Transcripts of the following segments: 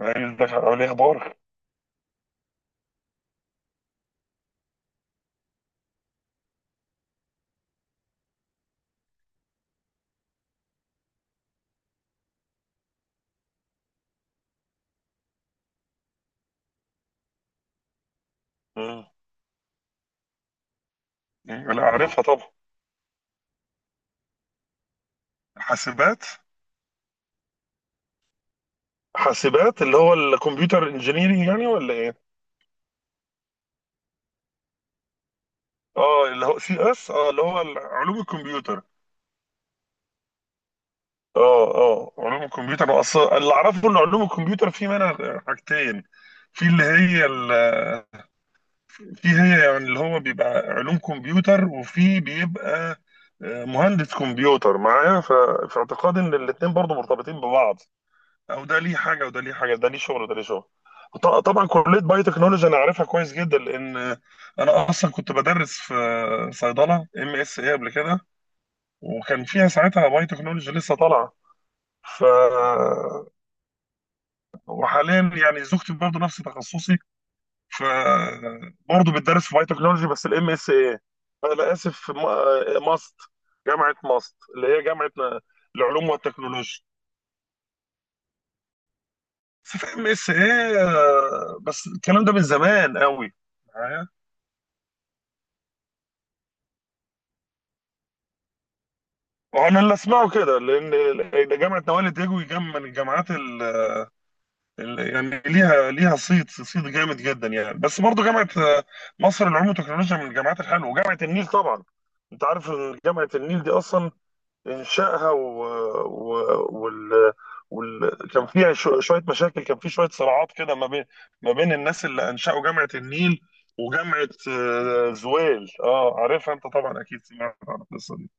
عايز اقول ايه، اخبارك؟ مم. إيه، لا عارفها طبعا. حاسبات. حاسبات اللي هو الكمبيوتر انجينيرنج يعني ولا ايه؟ اه، اللي هو CS، اه، اللي هو علوم الكمبيوتر. اه، اه، علوم الكمبيوتر اصلا اللي اعرفه ان علوم الكمبيوتر في منها حاجتين. في اللي هي في هي يعني اللي هو بيبقى علوم كمبيوتر وفي بيبقى مهندس كمبيوتر معايا في اعتقاد ان الاتنين برضو مرتبطين ببعض. او ده ليه حاجه وده ليه حاجه، ده ليه شغل وده ليه شغل. طبعا، كليه باي تكنولوجي انا عارفها كويس جدا لان انا اصلا كنت بدرس في صيدله MSA قبل كده. وكان فيها ساعتها باي تكنولوجي لسه طالعه. ف وحاليا يعني زوجتي برضه نفس تخصصي. ف برضه بتدرس في باي تكنولوجي بس الام اس اي. انا اسف، ماست. جامعه ماست اللي هي جامعه العلوم والتكنولوجيا. بس في MSA، بس الكلام ده من زمان قوي معايا. وانا اللي اسمعه كده لأن جامعه نوال دجوي جام من الجامعات يعني ليها صيت صيت جامد جدا يعني، بس برضه جامعه مصر للعلوم والتكنولوجيا من الجامعات الحلوه، وجامعه النيل طبعا. انت عارف إن جامعه النيل دي اصلا انشائها و... وال... كان في يعني شويه مشاكل، كان في شويه صراعات كده ما بين الناس اللي انشأوا جامعه النيل. وجامعه زويل. اه، عارفها انت طبعا، اكيد سمعت عن القصه دي.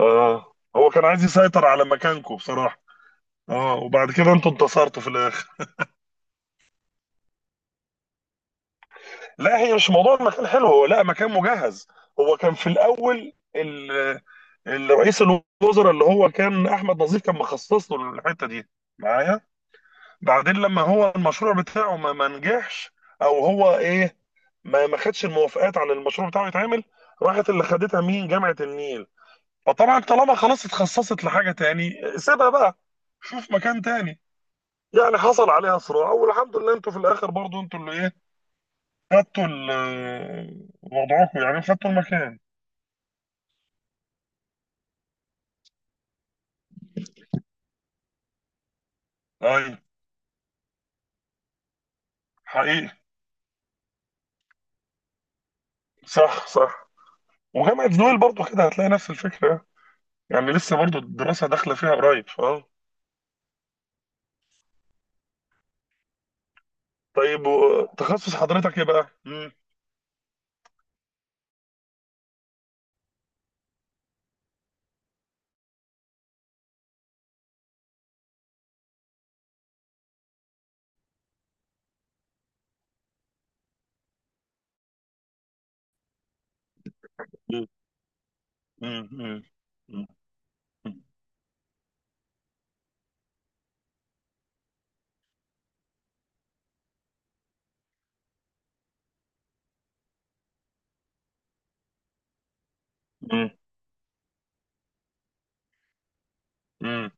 اه، هو كان عايز يسيطر على مكانكم بصراحه. اه، وبعد كده انتوا انتصرتوا في الاخر. لا، هي مش موضوع المكان حلو، هو لا مكان مجهز. هو كان في الاول الرئيس الوزراء اللي هو كان احمد نظيف كان مخصص له الحته دي. معايا. بعدين لما هو المشروع بتاعه ما نجحش. او هو ايه، ما خدش الموافقات على المشروع بتاعه يتعمل. راحت اللي خدتها مين؟ جامعة النيل. فطبعا طالما خلاص اتخصصت لحاجة تاني سيبها بقى. شوف مكان تاني. يعني حصل عليها صراع والحمد لله انتوا في الاخر، برضو انتوا اللي ايه، خدتوا وضعكم، يعني خدتوا المكان. ايوه. حقيقي. صح، صح. وجامعة نويل برضو كده هتلاقي نفس الفكرة. يعني لسه برضو الدراسة داخلة فيها قريب. اه. طيب، تخصص حضرتك ايه بقى؟ مم. مم. مم. مم. مم.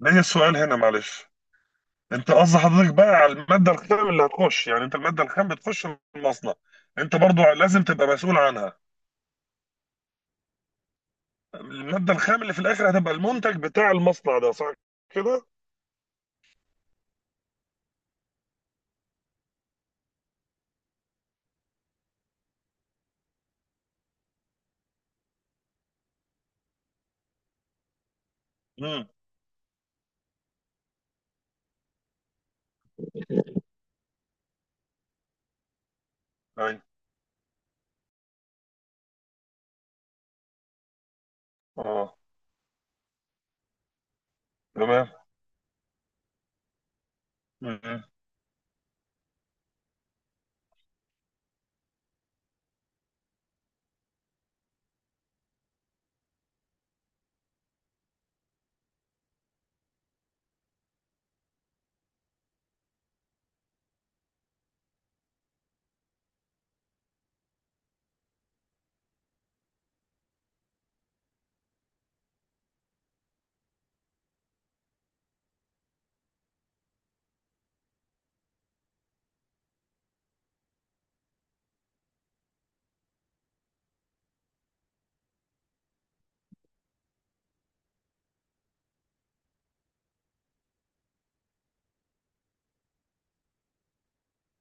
ليا سؤال هنا، معلش. انت قصد حضرتك بقى على الماده الخام اللي هتخش، يعني انت الماده الخام بتخش المصنع. انت برضو لازم تبقى مسؤول عنها. الماده الخام اللي في الاخر هتبقى المنتج بتاع المصنع ده، صح كده؟ مم. ايوه، اه. تمام. مم.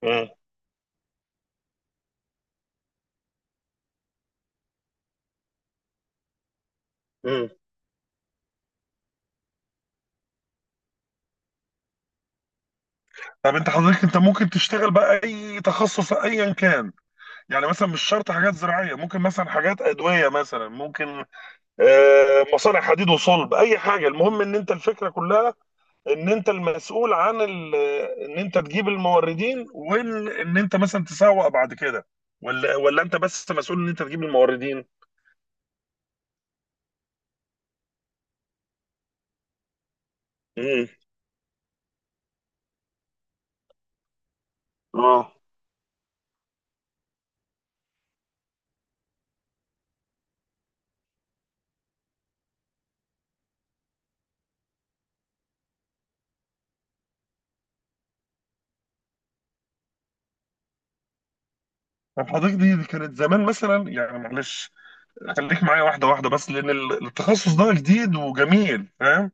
مم. مم. طب حضرتك ممكن تشتغل بقى اي تخصص ايا كان. يعني مثلا مش شرط حاجات زراعيه، ممكن مثلا حاجات ادويه مثلا ممكن. مصانع حديد وصلب، اي حاجه، المهم ان انت الفكره كلها، ان انت المسؤول عن ان انت تجيب الموردين وان انت مثلا تسوق بعد كده. ولا انت بس مسؤول ان انت تجيب الموردين؟ امم. اه. طب حضرتك دي كانت زمان مثلا، يعني معلش خليك معايا واحده واحده، بس لان التخصص ده جديد وجميل، فاهم؟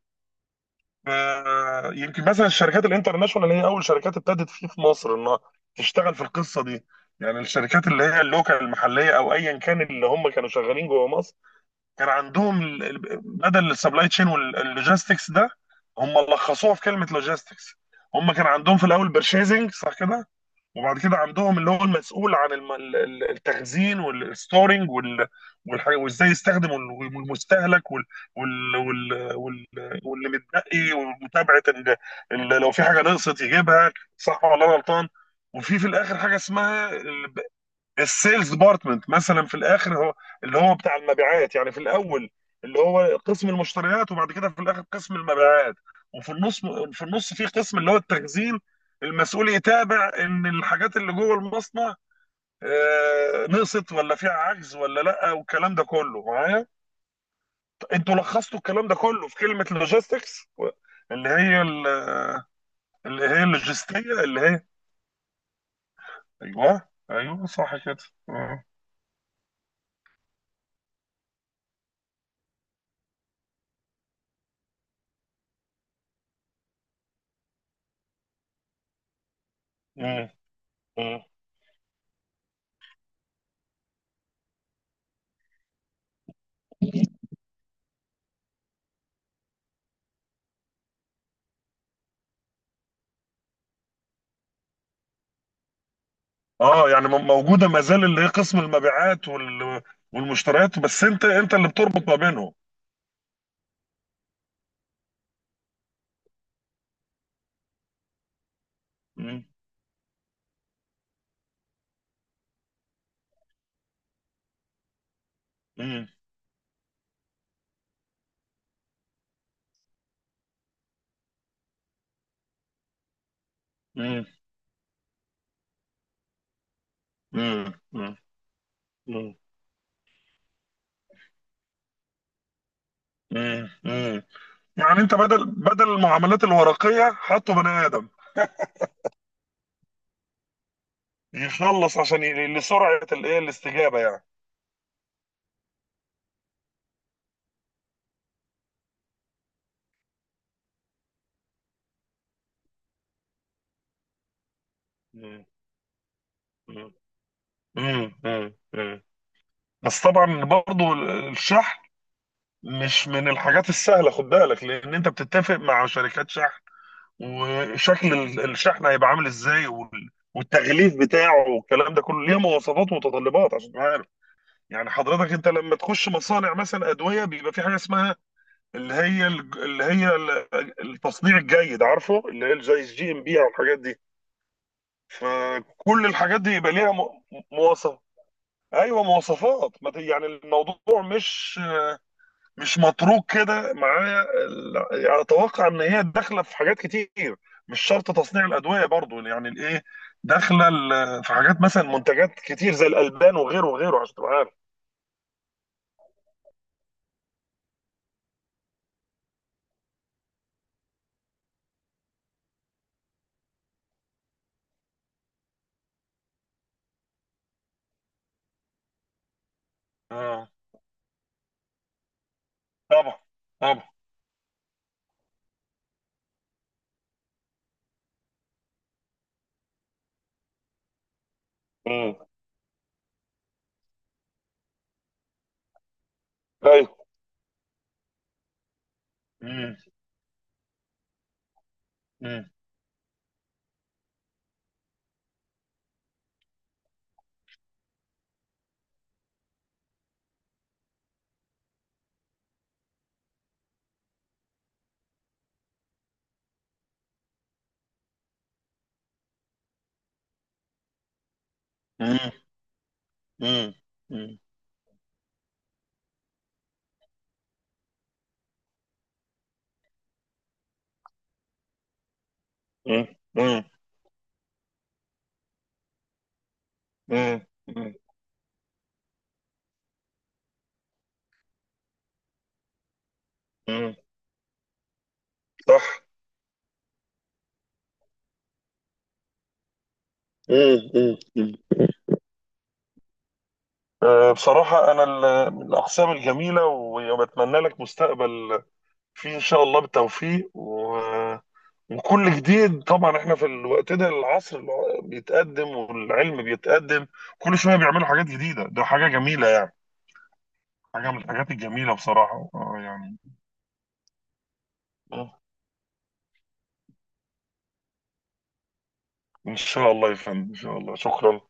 يمكن مثلا الشركات الانترناشونال هي اول شركات ابتدت فيه في مصر انها تشتغل في القصه دي. يعني الشركات اللي هي اللوكال المحليه او ايا كان اللي هم كانوا شغالين جوه مصر كان عندهم بدل السبلاي تشين واللوجيستكس ده، هم لخصوها في كلمه لوجيستكس. هم كان عندهم في الاول بيرشيزنج، صح كده؟ وبعد كده عندهم اللي هو المسؤول عن التخزين والستورنج وازاي يستخدموا المستهلك وال- وال- واللي متبقي ومتابعه لو في حاجه نقصت يجيبها. صح ولا أنا غلطان؟ وفي الاخر حاجه اسمها السيلز ديبارتمنت، مثلا في الاخر هو اللي هو بتاع المبيعات يعني، في الاول اللي هو قسم المشتريات، وبعد كده في الاخر قسم المبيعات. وفي النص، في قسم اللي هو التخزين، المسؤول يتابع ان الحاجات اللي جوه المصنع نقصت، ولا فيها عجز، ولا لا، والكلام ده كله معايا. انتوا لخصتوا الكلام ده كله في كلمه لوجيستكس، اللي هي اللي هي اللوجستيه، اللي هي ايوه، ايوه، صح كده. آه. آه. اه يعني موجوده ما زال اللي هي قسم المبيعات والمشتريات، بس انت اللي بتربط ما بينهم. مم. مم. مم. مم. مم. مم. مم. مم. يعني انت بدل المعاملات الورقيه حطوا بني ادم يخلص عشان لسرعه الايه الاستجابه يعني. مم. مم. مم. مم. مم. بس طبعا برضو الشحن مش من الحاجات السهله، خد بالك، لان انت بتتفق مع شركات شحن وشكل الشحن هيبقى عامل ازاي والتغليف بتاعه والكلام ده كله ليه مواصفات ومتطلبات عشان تبقى عارف. يعني حضرتك انت لما تخش مصانع مثلا ادويه بيبقى في حاجه اسمها اللي هي اللي هي التصنيع الجيد، عارفه، اللي هي زي الجي ام بي او الحاجات دي. فكل الحاجات دي يبقى ليها مواصف. ايوه مواصفات، ما ت- يعني الموضوع مش متروك كده معايا. يعني اتوقع ان هي داخله في حاجات كتير، مش شرط تصنيع الادويه برضو يعني الايه، داخله في حاجات مثلا منتجات كتير زي الالبان وغيره وغيره عشان تبقى عارف. اه، طبعا، طبعا. امم. ايوه. امم. امم. امم. امم. امم. امم. امم. امم. امم. صح. امم. امم. أمم. بصراحة أنا من الأقسام الجميلة وبتمنى لك مستقبل فيه إن شاء الله، بالتوفيق وكل جديد. طبعا احنا في الوقت ده العصر اللي هو بيتقدم والعلم بيتقدم، كل شويه بيعملوا حاجات جديده، ده حاجه جميله يعني. حاجه من الحاجات الجميله بصراحه، اه يعني. آه. ان شاء الله يا فندم، ان شاء الله، شكرا.